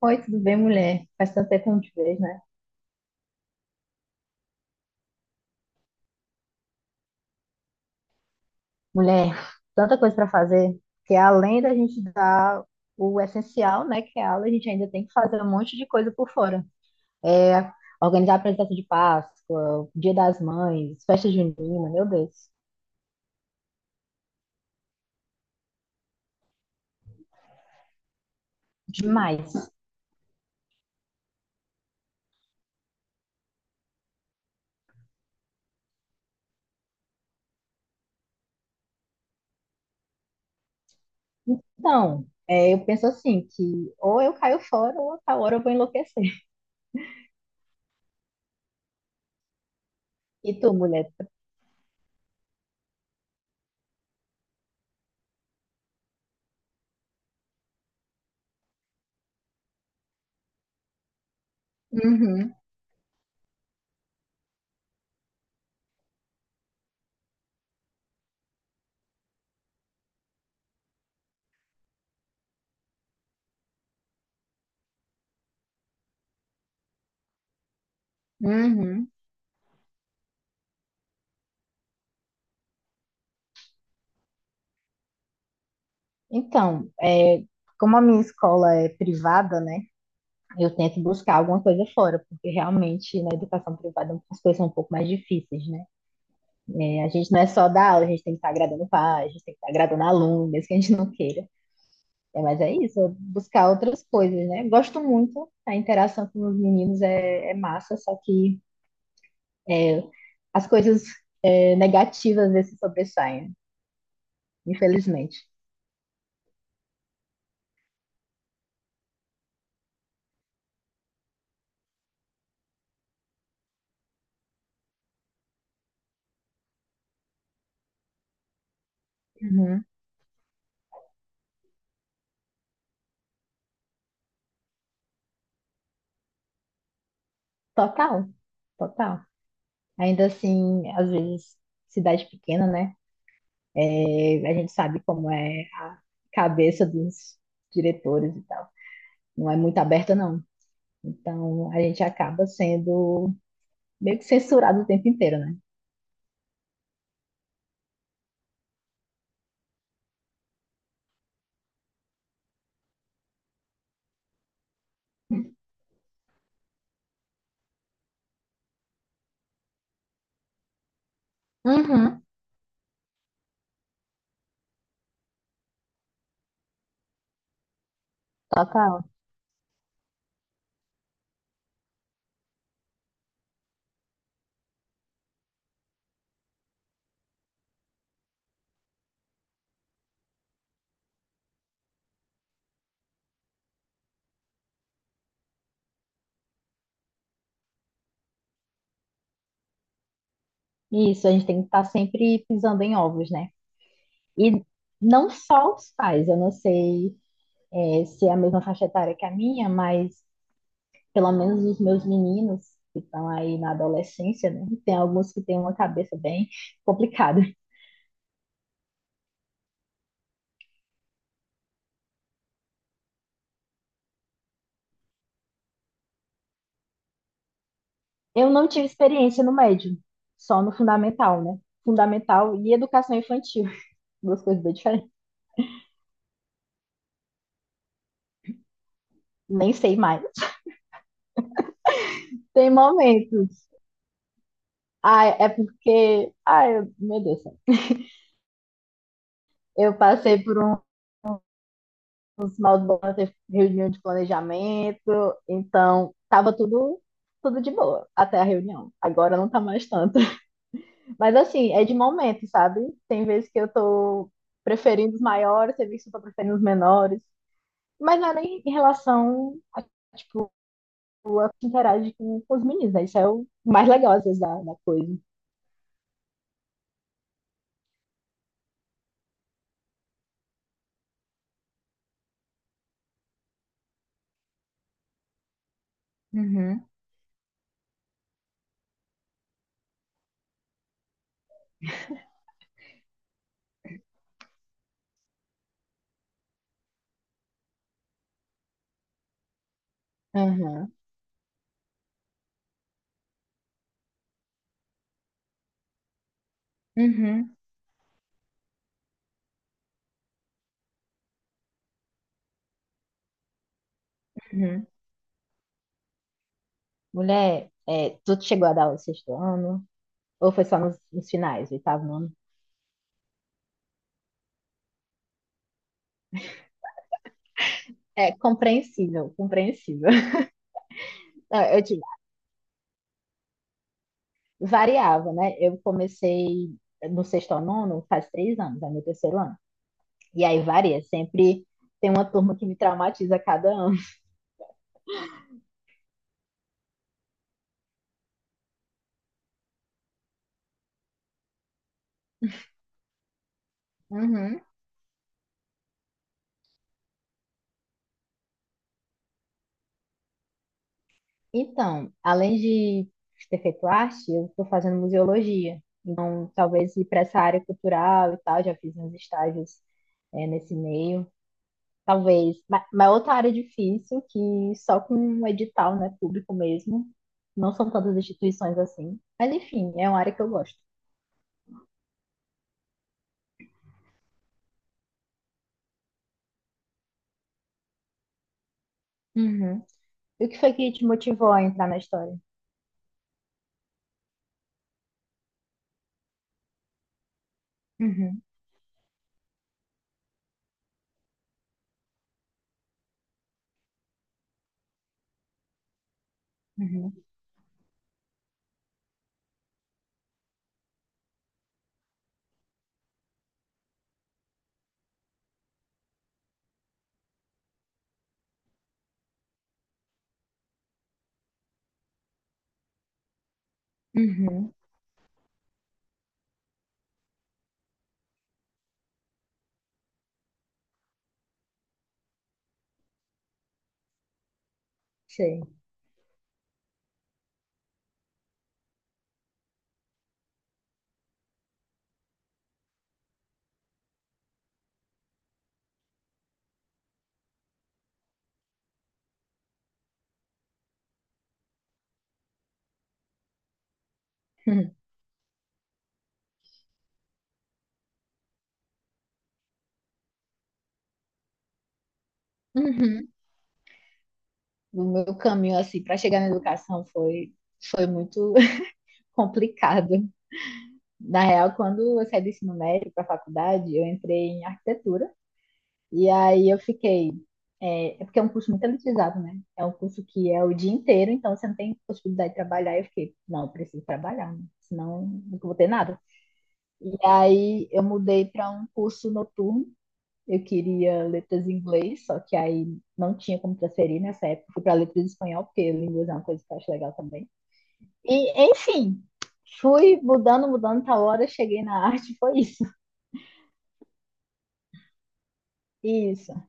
Oi, tudo bem, mulher? Faz tanto tempo que não te vejo, né? Mulher, tanta coisa para fazer, que além da gente dar o essencial, né, que é a aula, a gente ainda tem que fazer um monte de coisa por fora. É, organizar a apresentação de Páscoa, Dia das Mães, festa junina, meu Deus, demais. Então, é, eu penso assim, que ou eu caio fora ou a tal hora eu vou enlouquecer. E tu, mulher? Uhum, uhum. Então, é, como a minha escola é privada, né? Eu tento buscar alguma coisa fora, porque realmente na educação privada as coisas são um pouco mais difíceis, né? É, a gente não é só dar aula, a gente tem que estar agradando o pai, a gente tem que estar agradando o aluno, mesmo que a gente não queira. É, mas é isso, buscar outras coisas, né? Gosto muito, a interação com os meninos é massa, só que é, as coisas negativas às vezes se sobressaem, infelizmente. Uhum. Total, total. Ainda assim, às vezes, cidade pequena, né? É, a gente sabe como é a cabeça dos diretores e tal. Não é muito aberta, não. Então, a gente acaba sendo meio que censurado o tempo inteiro, né? Uhum, total. Isso, a gente tem que estar sempre pisando em ovos, né? E não só os pais, eu não sei, se é a mesma faixa etária que a minha, mas pelo menos os meus meninos que estão aí na adolescência, né? Tem alguns que têm uma cabeça bem complicada. Eu não tive experiência no médio, só no fundamental, né? Fundamental e educação infantil, duas coisas bem diferentes. Nem sei mais. Tem momentos. Ah, é porque, ai, meu Deus do céu. Eu passei por uns maus bons teve reunião de planejamento, então tava tudo, tudo de boa até a reunião. Agora não tá mais tanto. Mas assim, é de momento, sabe? Tem vezes que eu tô preferindo os maiores, tem vezes que eu tô preferindo os menores. Mas não é nem em relação a tipo, ela interage com os meninos, né? Isso é o mais legal, às vezes, da coisa. Uhum, uhum, uhum, uhum. Mulher, tu chegou a dar aula no sexto ano? Ou foi só nos finais, oitavo ano? É compreensível, compreensível. Não, eu, digo, variava, né? Eu comecei no sexto ao nono faz 3 anos, é meu terceiro ano. E aí varia, sempre tem uma turma que me traumatiza a cada ano. Uhum. Então, além de ter feito arte, eu estou fazendo museologia. Então, talvez ir para essa área cultural e tal, já fiz uns estágios, nesse meio. Talvez, mas outra área difícil, que só com um edital, né, público mesmo, não são tantas instituições assim. Mas, enfim, é uma área que eu gosto. Uhum. E o que foi que te motivou a entrar na história? Uhum, uhum, uhum, sei. Uhum. Uhum. O meu caminho, assim, para chegar na educação foi muito complicado. Na real, quando eu saí do ensino médio para a faculdade, eu entrei em arquitetura. E aí eu fiquei. É porque é um curso muito elitizado, né? É um curso que é o dia inteiro, então você não tem possibilidade de trabalhar. Eu fiquei, não, eu preciso trabalhar, né, senão nunca vou ter nada. E aí eu mudei para um curso noturno. Eu queria letras em inglês, só que aí não tinha como transferir nessa época. Fui para letras em espanhol, porque línguas é uma coisa que eu acho legal também. E, enfim, fui mudando, mudando, tal hora, cheguei na arte, foi isso. Isso.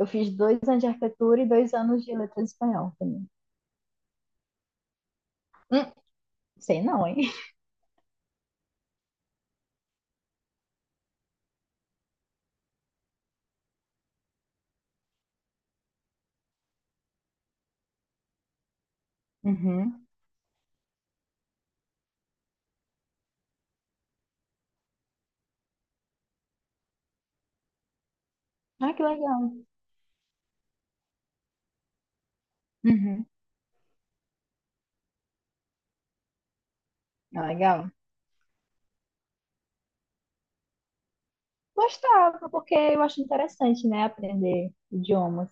Eu fiz 2 anos de arquitetura e 2 anos de letras em espanhol também. Hum, sei não, hein? Uhum. Ah, que legal. Uhum. Ah, legal. Gostava, porque eu acho interessante, né, aprender idiomas.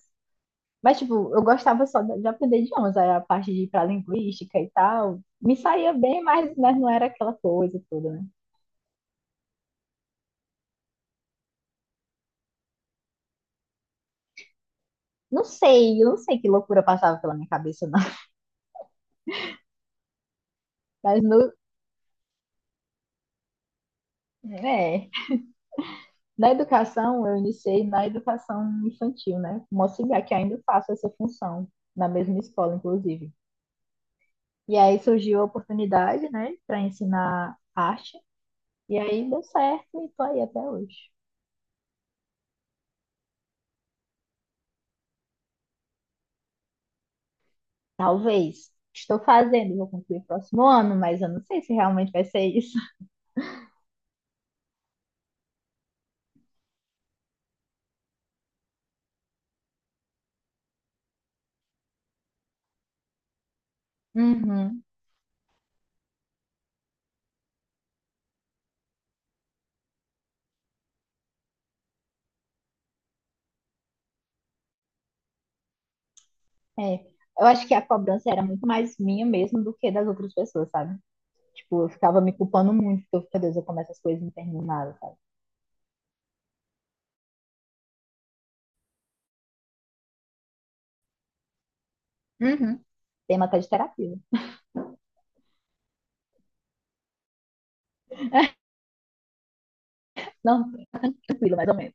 Mas, tipo, eu gostava só de aprender idiomas, aí a parte de ir pra linguística e tal. Me saía bem, mas não era aquela coisa toda, né? Não sei, eu não sei que loucura passava pela minha cabeça, não. Mas no, é, Na educação, eu iniciei na educação infantil, né? Como auxiliar, que ainda faço essa função, na mesma escola, inclusive. E aí surgiu a oportunidade, né, para ensinar arte, e aí deu certo e tô aí até hoje. Talvez. Estou fazendo, vou concluir próximo ano, mas eu não sei se realmente vai ser isso. Uhum, é. Eu acho que a cobrança era muito mais minha mesmo do que das outras pessoas, sabe? Tipo, eu ficava me culpando muito, porque meu Deus, eu começo as coisas e não termino nada, sabe? Uhum. Tema até de terapia. Não, tranquilo, mais ou menos.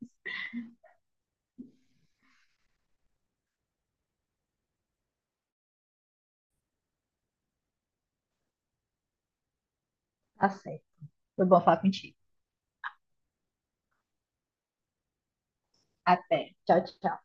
Tá certo. Foi bom falar contigo. Até. Tchau, tchau.